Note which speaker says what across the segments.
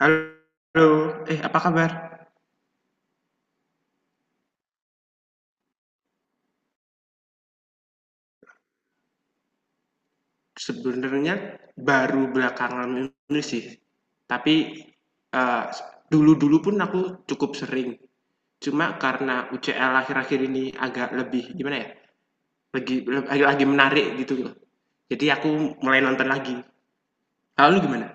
Speaker 1: Halo, apa kabar? Sebenarnya baru belakangan ini sih, tapi eh, dulu-dulu pun aku cukup sering. Cuma karena UCL akhir-akhir ini agak lebih gimana ya, lagi menarik gitu loh. Jadi aku mulai nonton lagi. Lalu gimana?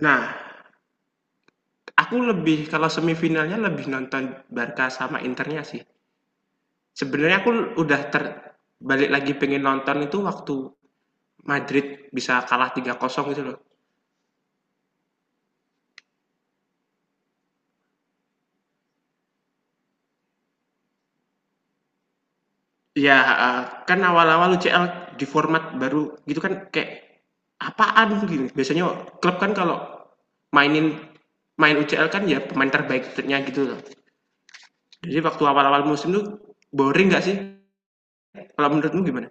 Speaker 1: Nah, aku lebih kalau semifinalnya lebih nonton Barca sama Internya sih. Sebenarnya aku udah balik lagi pengen nonton itu waktu Madrid bisa kalah tiga 0 gitu loh. Ya, heeh. Kan awal-awal UCL di format baru gitu kan, kayak apaan gitu. Biasanya klub kan kalau mainin main UCL kan ya pemain terbaiknya gitu loh. Jadi waktu awal-awal musim tuh boring nggak sih? Kalau menurutmu gimana?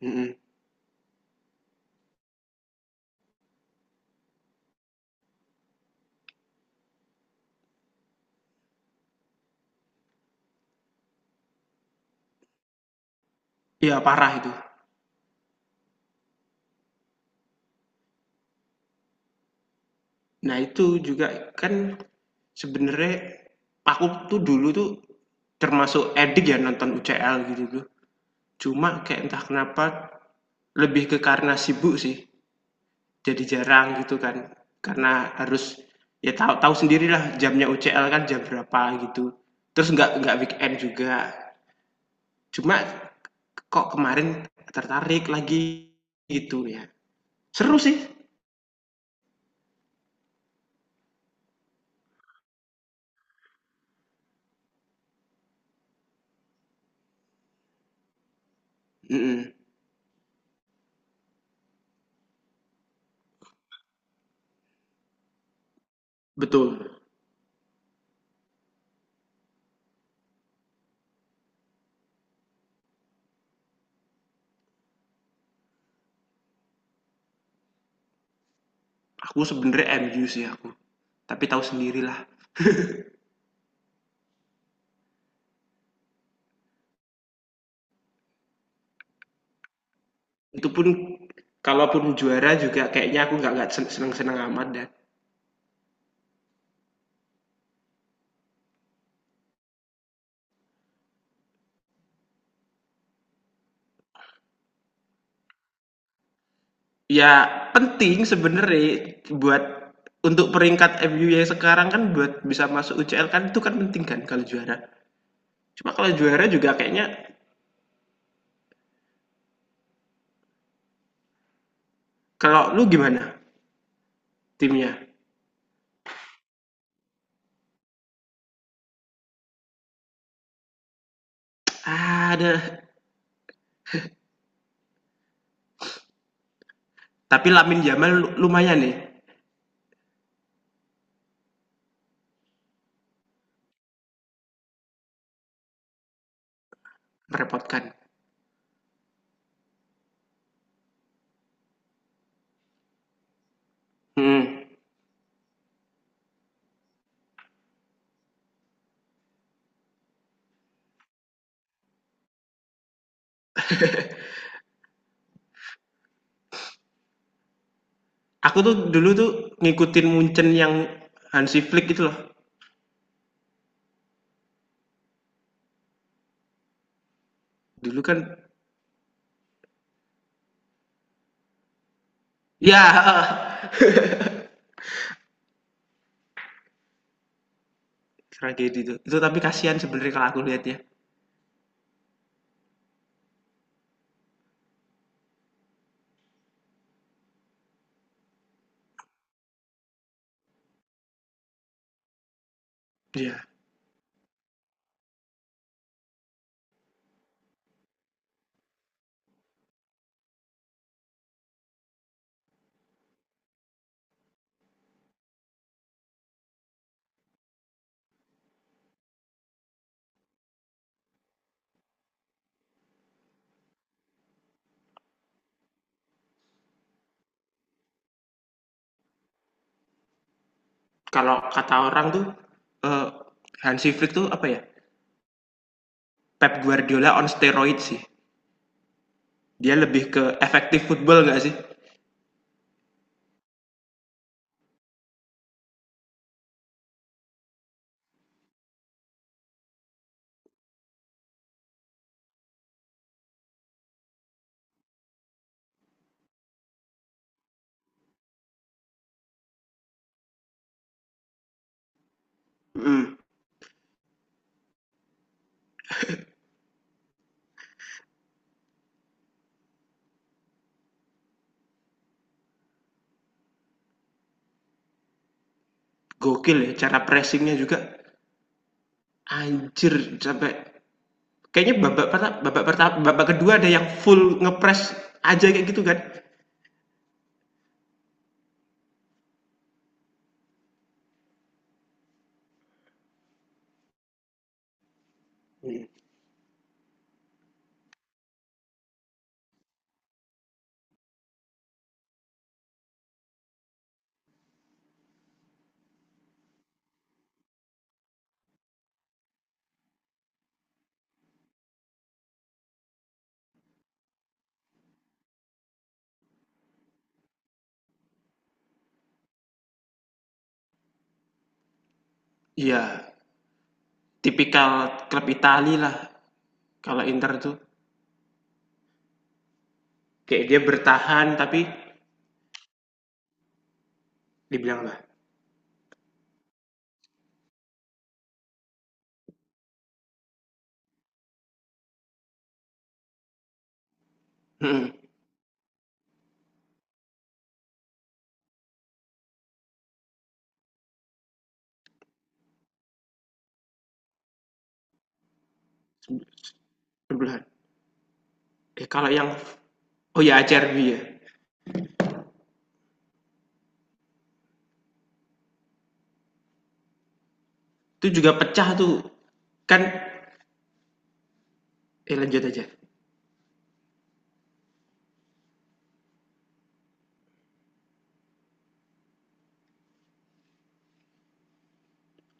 Speaker 1: Mhm. Iya, parah itu. Nah, itu juga kan sebenarnya aku tuh dulu tuh termasuk edik ya nonton UCL gitu tuh. Cuma kayak entah kenapa, lebih ke karena sibuk sih, jadi jarang gitu kan. Karena harus ya tahu tahu sendirilah jamnya UCL kan jam berapa gitu. Terus nggak weekend juga. Cuma kok kemarin tertarik lagi gitu ya. Seru sih. Mm-mm, betul. Aku sebenarnya MU sih aku. Tapi tahu sendirilah. Itu pun kalaupun juara juga kayaknya aku nggak seneng-seneng amat, dan ya, penting sebenarnya buat untuk peringkat MU yang sekarang kan, buat bisa masuk UCL kan itu kan penting kan kalau juara. Cuma kalau juara juga kayaknya, kalau lu gimana timnya? Ah, ada, tapi Lamin Jamal lumayan nih, merepotkan. Hmm. Aku tuh dulu tuh ngikutin Munchen yang Hansi Flick itu loh. Dulu kan ya tragedi tuh. Itu tapi kasihan sebenarnya kalau aku lihat ya. Iya. Kalau kata orang tuh, eee, Hansi Flick tuh apa ya, Pep Guardiola on steroid sih. Dia lebih ke efektif football nggak sih? Mhm. Gokil ya cara pressingnya juga, anjir sampai kayaknya babak pertama babak kedua ada yang full ngepress aja kayak gitu kan. Mhm. Iya, tipikal klub Itali lah, kalau Inter tuh. Kayak dia bertahan, tapi dibilang lah. Mhm. Sembilan. Eh, kalau yang oh ya, Acerbi ya. Itu juga pecah tuh. Kan lanjut aja.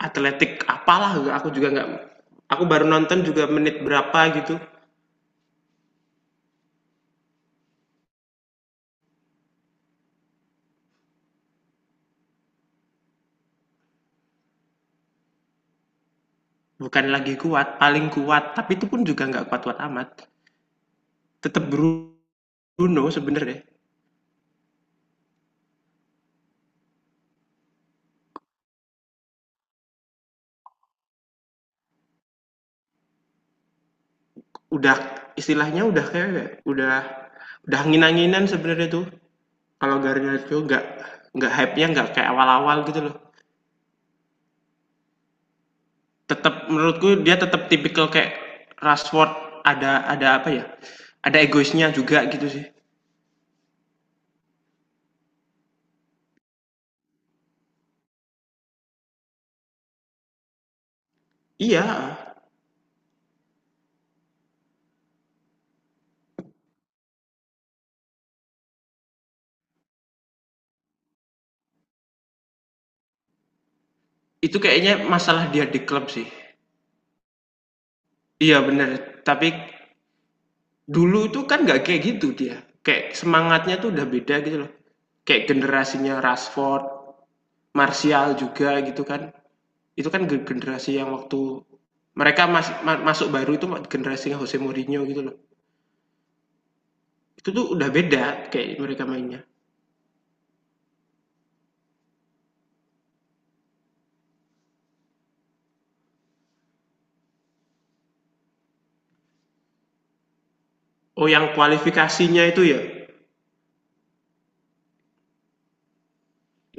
Speaker 1: Atletik apalah, aku juga nggak, aku baru nonton juga menit berapa gitu. Bukan lagi kuat, paling kuat, tapi itu pun juga nggak kuat-kuat amat. Tetap Bruno sebenarnya. Udah, istilahnya udah kayak udah udah angin-anginan sebenarnya tuh. Kalau Garnacho nggak hype-nya nggak kayak awal-awal gitu loh. Tetap menurutku dia tetap tipikal kayak Rashford, ada apa ya? Ada egoisnya juga gitu sih. Iya, itu kayaknya masalah dia di klub sih. Iya bener, tapi dulu itu kan nggak kayak gitu dia. Kayak semangatnya tuh udah beda gitu loh. Kayak generasinya Rashford, Martial juga gitu kan. Itu kan generasi yang waktu mereka masuk baru itu, generasinya Jose Mourinho gitu loh. Itu tuh udah beda kayak mereka mainnya. Oh, yang kualifikasinya itu ya?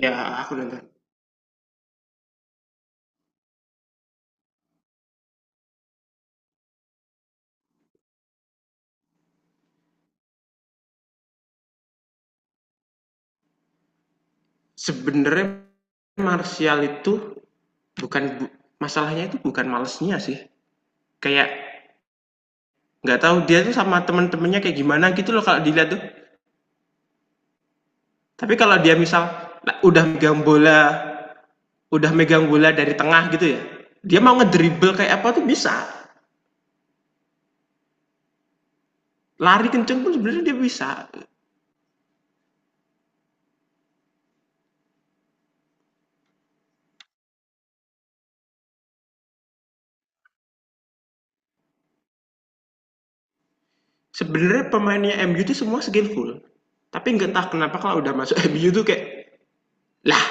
Speaker 1: Ya, aku nonton. Sebenarnya Martial itu bukan, masalahnya itu bukan malesnya sih. Kayak nggak tahu dia tuh sama temen-temennya kayak gimana gitu loh kalau dilihat tuh. Tapi kalau dia misal udah megang bola, udah megang bola, dari tengah gitu ya, dia mau ngedribble kayak apa tuh bisa. Lari kenceng pun sebenarnya dia bisa. Sebenarnya pemainnya MU tuh semua skillful. Tapi nggak, entah kenapa kalau udah masuk MU tuh kayak, lah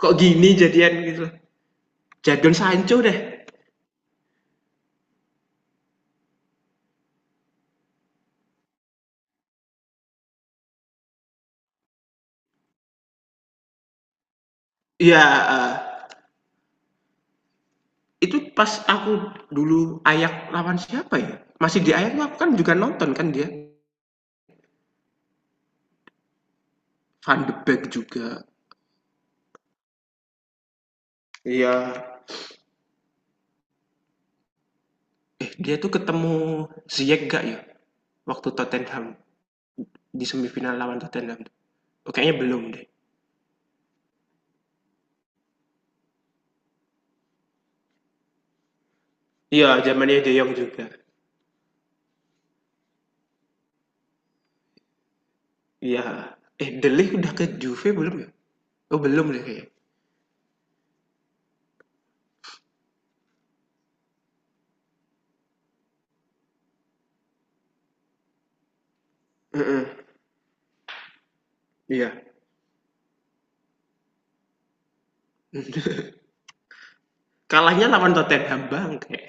Speaker 1: kok gini jadian gitu loh. Jadon Sancho deh. Iya, heeh. Itu pas aku dulu Ayak lawan siapa ya? Masih di Ayak tuh aku kan juga nonton kan dia. Van de Beek juga. Iya. Eh, dia tuh ketemu Ziyech gak ya? Waktu Tottenham Di semifinal lawan Tottenham. Oh, kayaknya belum deh. Iya, zamannya De Jong juga. Iya. Eh, De Ligt udah ke Juve belum ya? Oh, belum deh kayaknya. Heeh. Iya. Kalahnya lawan Tottenham bang, kayak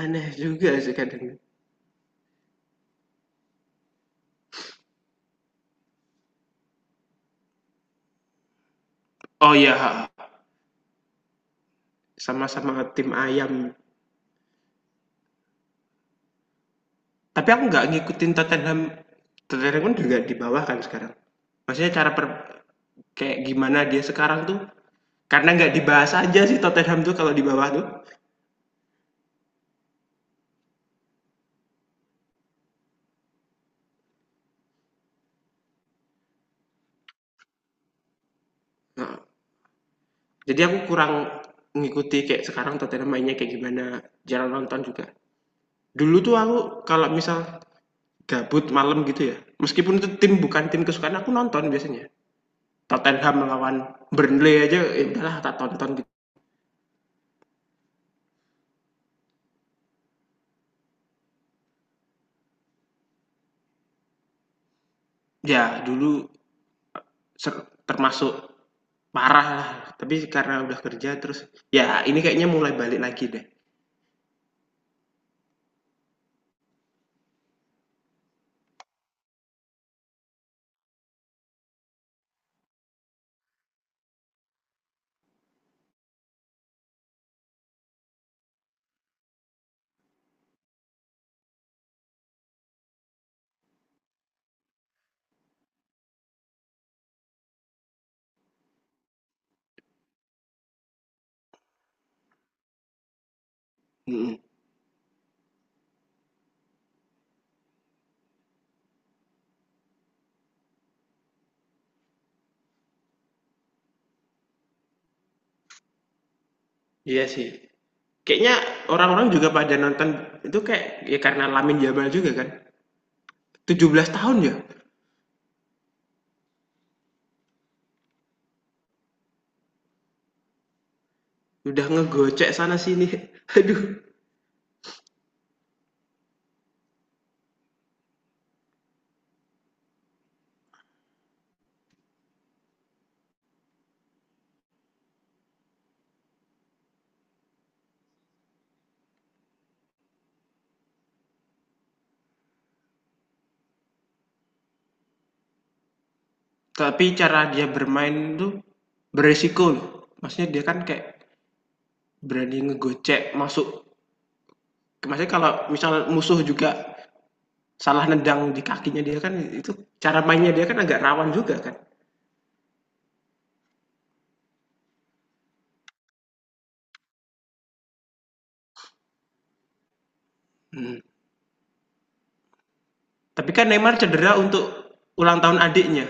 Speaker 1: aneh juga sih kadang. Oh iya, sama-sama tim ayam. Tapi aku nggak ngikutin Tottenham. Tottenham kan juga di bawah kan sekarang. Maksudnya kayak gimana dia sekarang tuh, karena nggak dibahas aja sih Tottenham tuh kalau di bawah tuh. Nah, jadi aku kurang ngikuti kayak sekarang Tottenham mainnya kayak gimana. Jarang nonton juga. Dulu tuh aku kalau misal gabut malam gitu ya. Meskipun itu tim, bukan tim kesukaan, aku nonton biasanya. Tottenham melawan Burnley aja ya udahlah tak tonton gitu. Ya dulu termasuk parah lah, tapi karena udah kerja terus ya ini kayaknya mulai balik lagi deh. Mhm, iya sih. Kayaknya orang-orang juga pada nonton itu, kayak ya karena Lamine Jamal juga kan, 17 tahun ya, udah ngegocek sana sini. Aduh, tapi cara dia bermain tuh beresiko loh. Maksudnya dia kan kayak berani ngegocek masuk, maksudnya kalau misal musuh juga salah nendang di kakinya dia kan, itu cara mainnya dia kan agak rawan juga kan. Mhm. Tapi kan Neymar cedera untuk ulang tahun adiknya.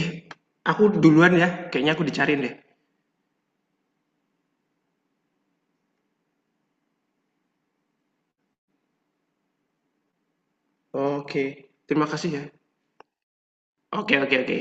Speaker 1: Eh, aku duluan ya. Kayaknya aku dicariin deh. Oke. Terima kasih ya. Oke, oke, oke.